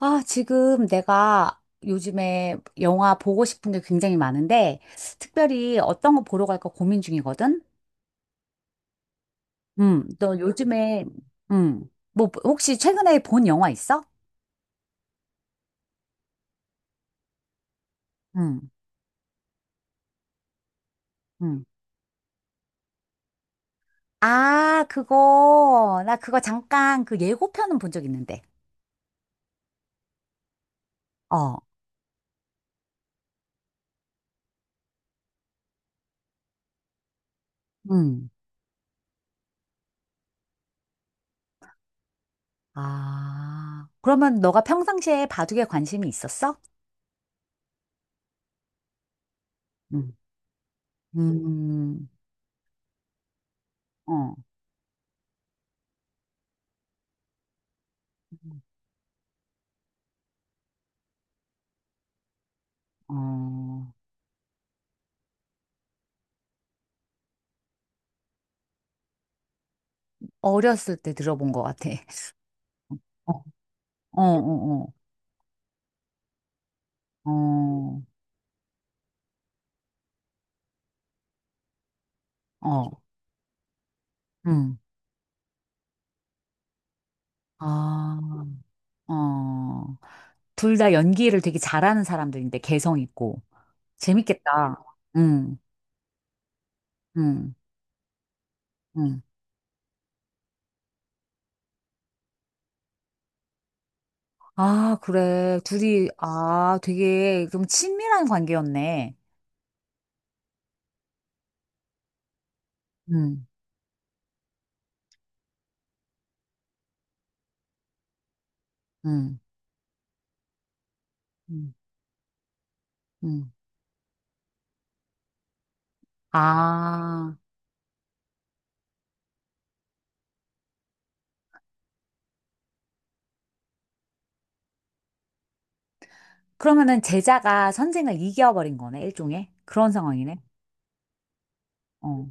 아, 지금 내가 요즘에 영화 보고 싶은 게 굉장히 많은데, 특별히 어떤 거 보러 갈까 고민 중이거든? 너 요즘에, 뭐, 혹시 최근에 본 영화 있어? 음, 음. 아, 그거, 나 그거 잠깐 그 예고편은 본 적 있는데. 어, 음. 아, 그러면 너가 평상시에 바둑에 관심이 있었어? 음, 음, 어, 어, 어렸을 때 들어본 것 같아. 어, 어, 어, 어, 어, 음, 아, 어. 둘 다 연기를 되게 잘하는 사람들인데, 개성 있고. 재밌겠다. 응, 응, 응. 아, 그래. 둘이, 아, 되게 좀 친밀한 관계였네. 응, 응, 응, 응. 아, 그러면은 제자가 선생을 이겨버린 거네, 일종의. 그런 상황이네. 어.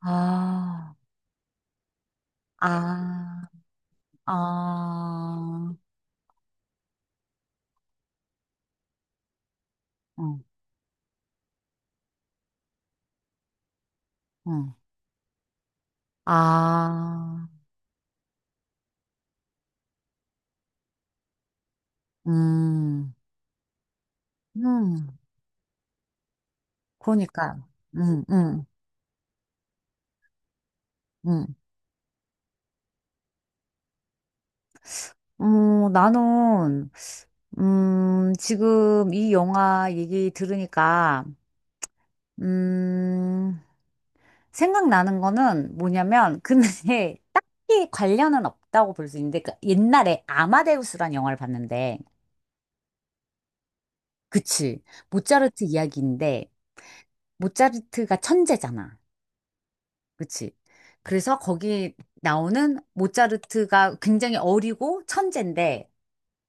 아, 아, 아, 어, 어. 아, 음, 음, 그러니까, 음, 음, 음. 나는, 지금 이 영화 얘기 들으니까, 음, 생각나는 거는 뭐냐면, 근데 딱히 관련은 없다고 볼 수 있는데, 그 옛날에 아마데우스란 영화를 봤는데, 그치. 모차르트 이야기인데, 모차르트가 천재잖아. 그치. 그래서 거기 나오는 모차르트가 굉장히 어리고 천재인데,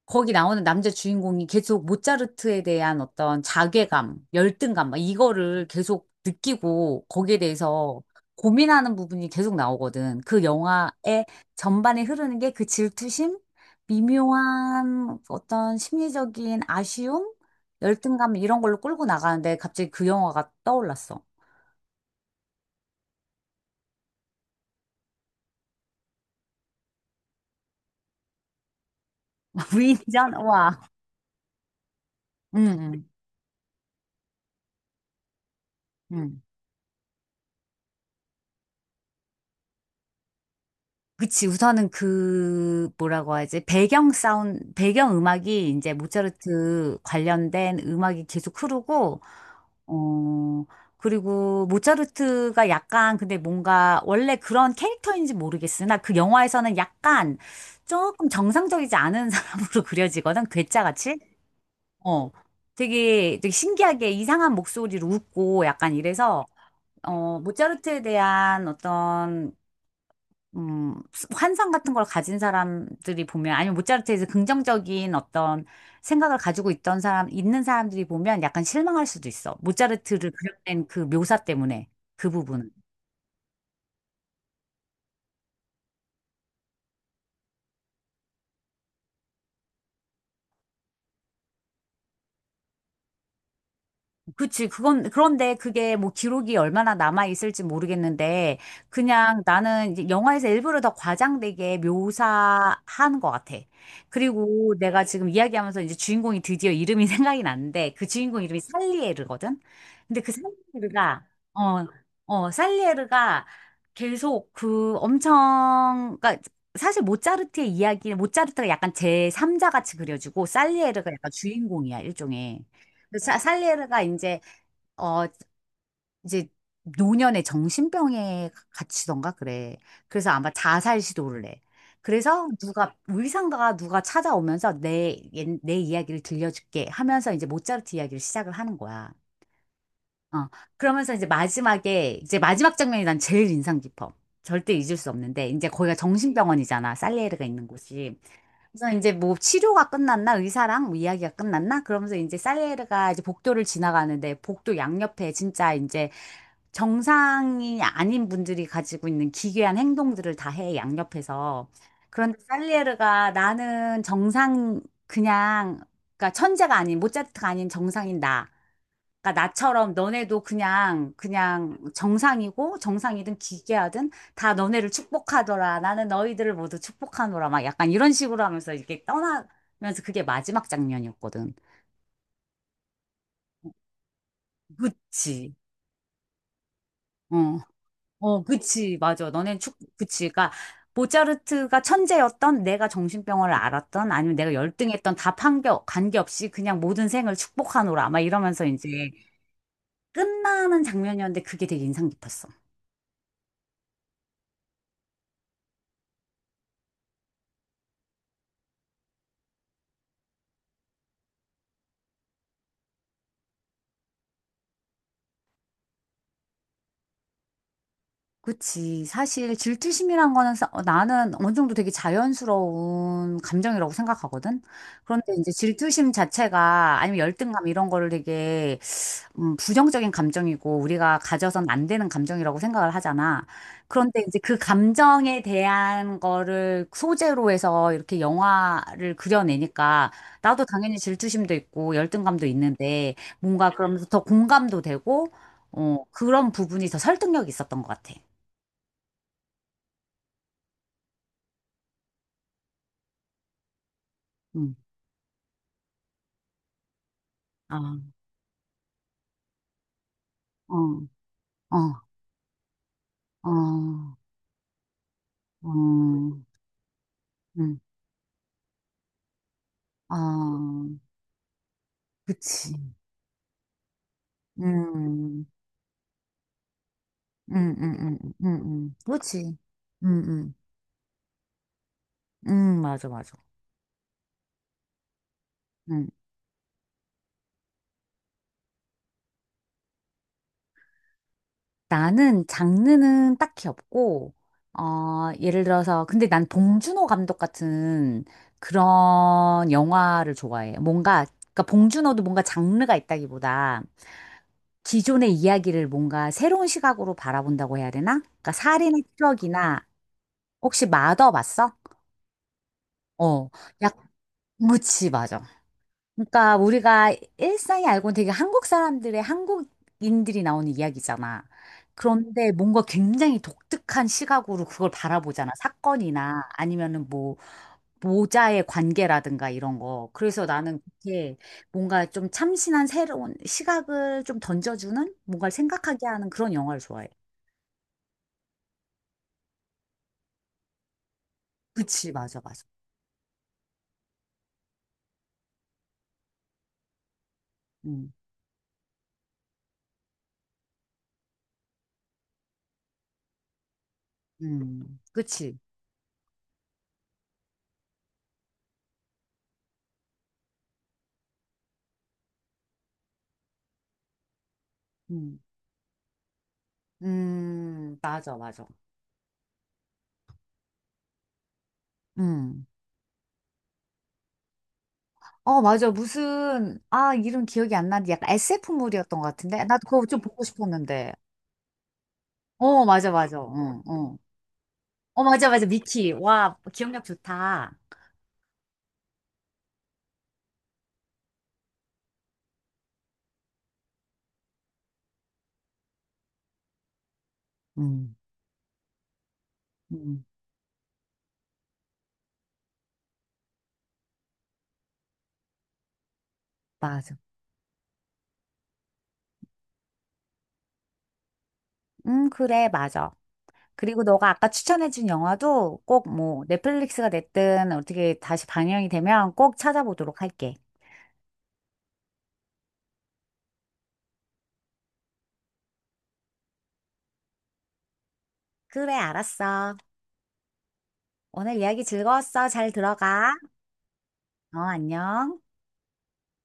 거기 나오는 남자 주인공이 계속 모차르트에 대한 어떤 자괴감, 열등감, 막 이거를 계속 느끼고 거기에 대해서 고민하는 부분이 계속 나오거든. 그 영화의 전반에 흐르는 게 그 질투심, 미묘한 어떤 심리적인 아쉬움, 열등감 이런 걸로 끌고 나가는데 갑자기 그 영화가 떠올랐어. 위인전? 와. 응, 응, 응. 그치, 우선은 그, 뭐라고 하지? 배경 사운드, 배경 음악이 이제 모차르트 관련된 음악이 계속 흐르고, 어, 그리고 모차르트가 약간 근데 뭔가 원래 그런 캐릭터인지 모르겠으나 그 영화에서는 약간 조금 정상적이지 않은 사람으로 그려지거든, 괴짜같이. 어, 되게, 되게 신기하게 이상한 목소리로 웃고 약간 이래서, 모차르트에 대한 어떤 환상 같은 걸 가진 사람들이 보면, 아니면 모차르트에서 긍정적인 어떤 생각을 가지고 있던 있는 사람들이 보면 약간 실망할 수도 있어. 모차르트를 그려낸 그 묘사 때문에, 그 부분. 그치. 그런데 그게 뭐 기록이 얼마나 남아있을지 모르겠는데, 그냥 나는 이제 영화에서 일부러 더 과장되게 묘사한 것 같아. 그리고 내가 지금 이야기하면서 이제 주인공이 드디어 이름이 생각이 났는데 그 주인공 이름이 살리에르거든? 근데 그 어, 살리에르가 계속 그 엄청, 그니까 사실 모차르트의 이야기는 모차르트가 약간 제3자 같이 그려지고, 살리에르가 약간 주인공이야, 일종의. 근데 살리에르가 어, 이제 노년의 정신병에 갇히던가 그래. 그래서 아마 자살 시도를 해. 그래서 누가 의상가가 누가 찾아오면서 내 이야기를 들려줄게 하면서 이제 모차르트 이야기를 시작을 하는 거야. 어, 그러면서 이제 마지막에 이제 마지막 장면이 난 제일 인상 깊어. 절대 잊을 수 없는데 이제 거기가 정신병원이잖아. 살리에르가 있는 곳이. 그래서 이제 뭐 치료가 끝났나 의사랑 뭐 이야기가 끝났나 그러면서 이제 살리에르가 이제 복도를 지나가는데 복도 양옆에 진짜 이제 정상이 아닌 분들이 가지고 있는 기괴한 행동들을 다 해 양옆에서 그런데 살리에르가 나는 정상 그냥 그러니까 천재가 아닌 모차르트가 아닌 정상인 나 그러니까 나처럼 너네도 그냥 그냥 정상이고 정상이든 기계하든 다 너네를 축복하더라. 나는 너희들을 모두 축복하노라. 막 약간 이런 식으로 하면서 이렇게 떠나면서 그게 마지막 장면이었거든. 그치. 어. 어, 그치. 맞아. 너넨 축 그치. 그러니까 모차르트가 천재였던 내가 정신병원을 앓았던 아니면 내가 열등했던 다 판교, 관계없이 그냥 모든 생을 축복하노라. 막 이러면서 이제 끝나는 장면이었는데 그게 되게 인상 깊었어. 그치. 사실 질투심이란 거는 나는 어느 정도 되게 자연스러운 감정이라고 생각하거든. 그런데 이제 질투심 자체가 아니면 열등감 이런 거를 되게 부정적인 감정이고 우리가 가져선 안 되는 감정이라고 생각을 하잖아. 그런데 이제 그 감정에 대한 거를 소재로 해서 이렇게 영화를 그려내니까 나도 당연히 질투심도 있고 열등감도 있는데 뭔가 그러면서 더 공감도 되고 그런 부분이 더 설득력이 있었던 것 같아. 음, 아, 어, 어, 어, 어, 음, 아, 그치. 음, 음, 음, 음, 음, 그치. 음, 음, 맞아, 맞아. 나는 장르는 딱히 없고, 예를 들어서, 근데 난 봉준호 감독 같은 그런 영화를 좋아해. 뭔가, 그러니까 봉준호도 뭔가 장르가 있다기보다 기존의 이야기를 뭔가 새로운 시각으로 바라본다고 해야 되나? 그러니까 살인의 추억이나 혹시 마더 봤어? 어, 약, 그치, 맞아. 그러니까 우리가 일상이 알고는 되게 한국인들이 나오는 이야기잖아. 그런데 뭔가 굉장히 독특한 시각으로 그걸 바라보잖아. 사건이나 아니면은 뭐 모자의 관계라든가 이런 거. 그래서 나는 그게 뭔가 좀 참신한 새로운 시각을 좀 던져주는 뭔가를 생각하게 하는 그런 영화를 좋아해. 그치, 맞아, 맞아. 음, 그치. 음, 맞아, 맞아. 음. 어, 맞아. 무슨, 아, 이름 기억이 안 나는데 약간 SF물이었던 것 같은데? 나도 그거 좀 보고 싶었는데. 어, 맞아, 맞아. 응, 응. 어, 어. 어, 맞아, 맞아. 미키. 와, 기억력 좋다. 음, 음, 맞아. 그래, 맞아. 그리고 너가 아까 추천해준 영화도 꼭 뭐 넷플릭스가 됐든 어떻게 다시 방영이 되면 꼭 찾아보도록 할게. 그래, 알았어. 오늘 이야기 즐거웠어. 잘 들어가. 어, 안녕.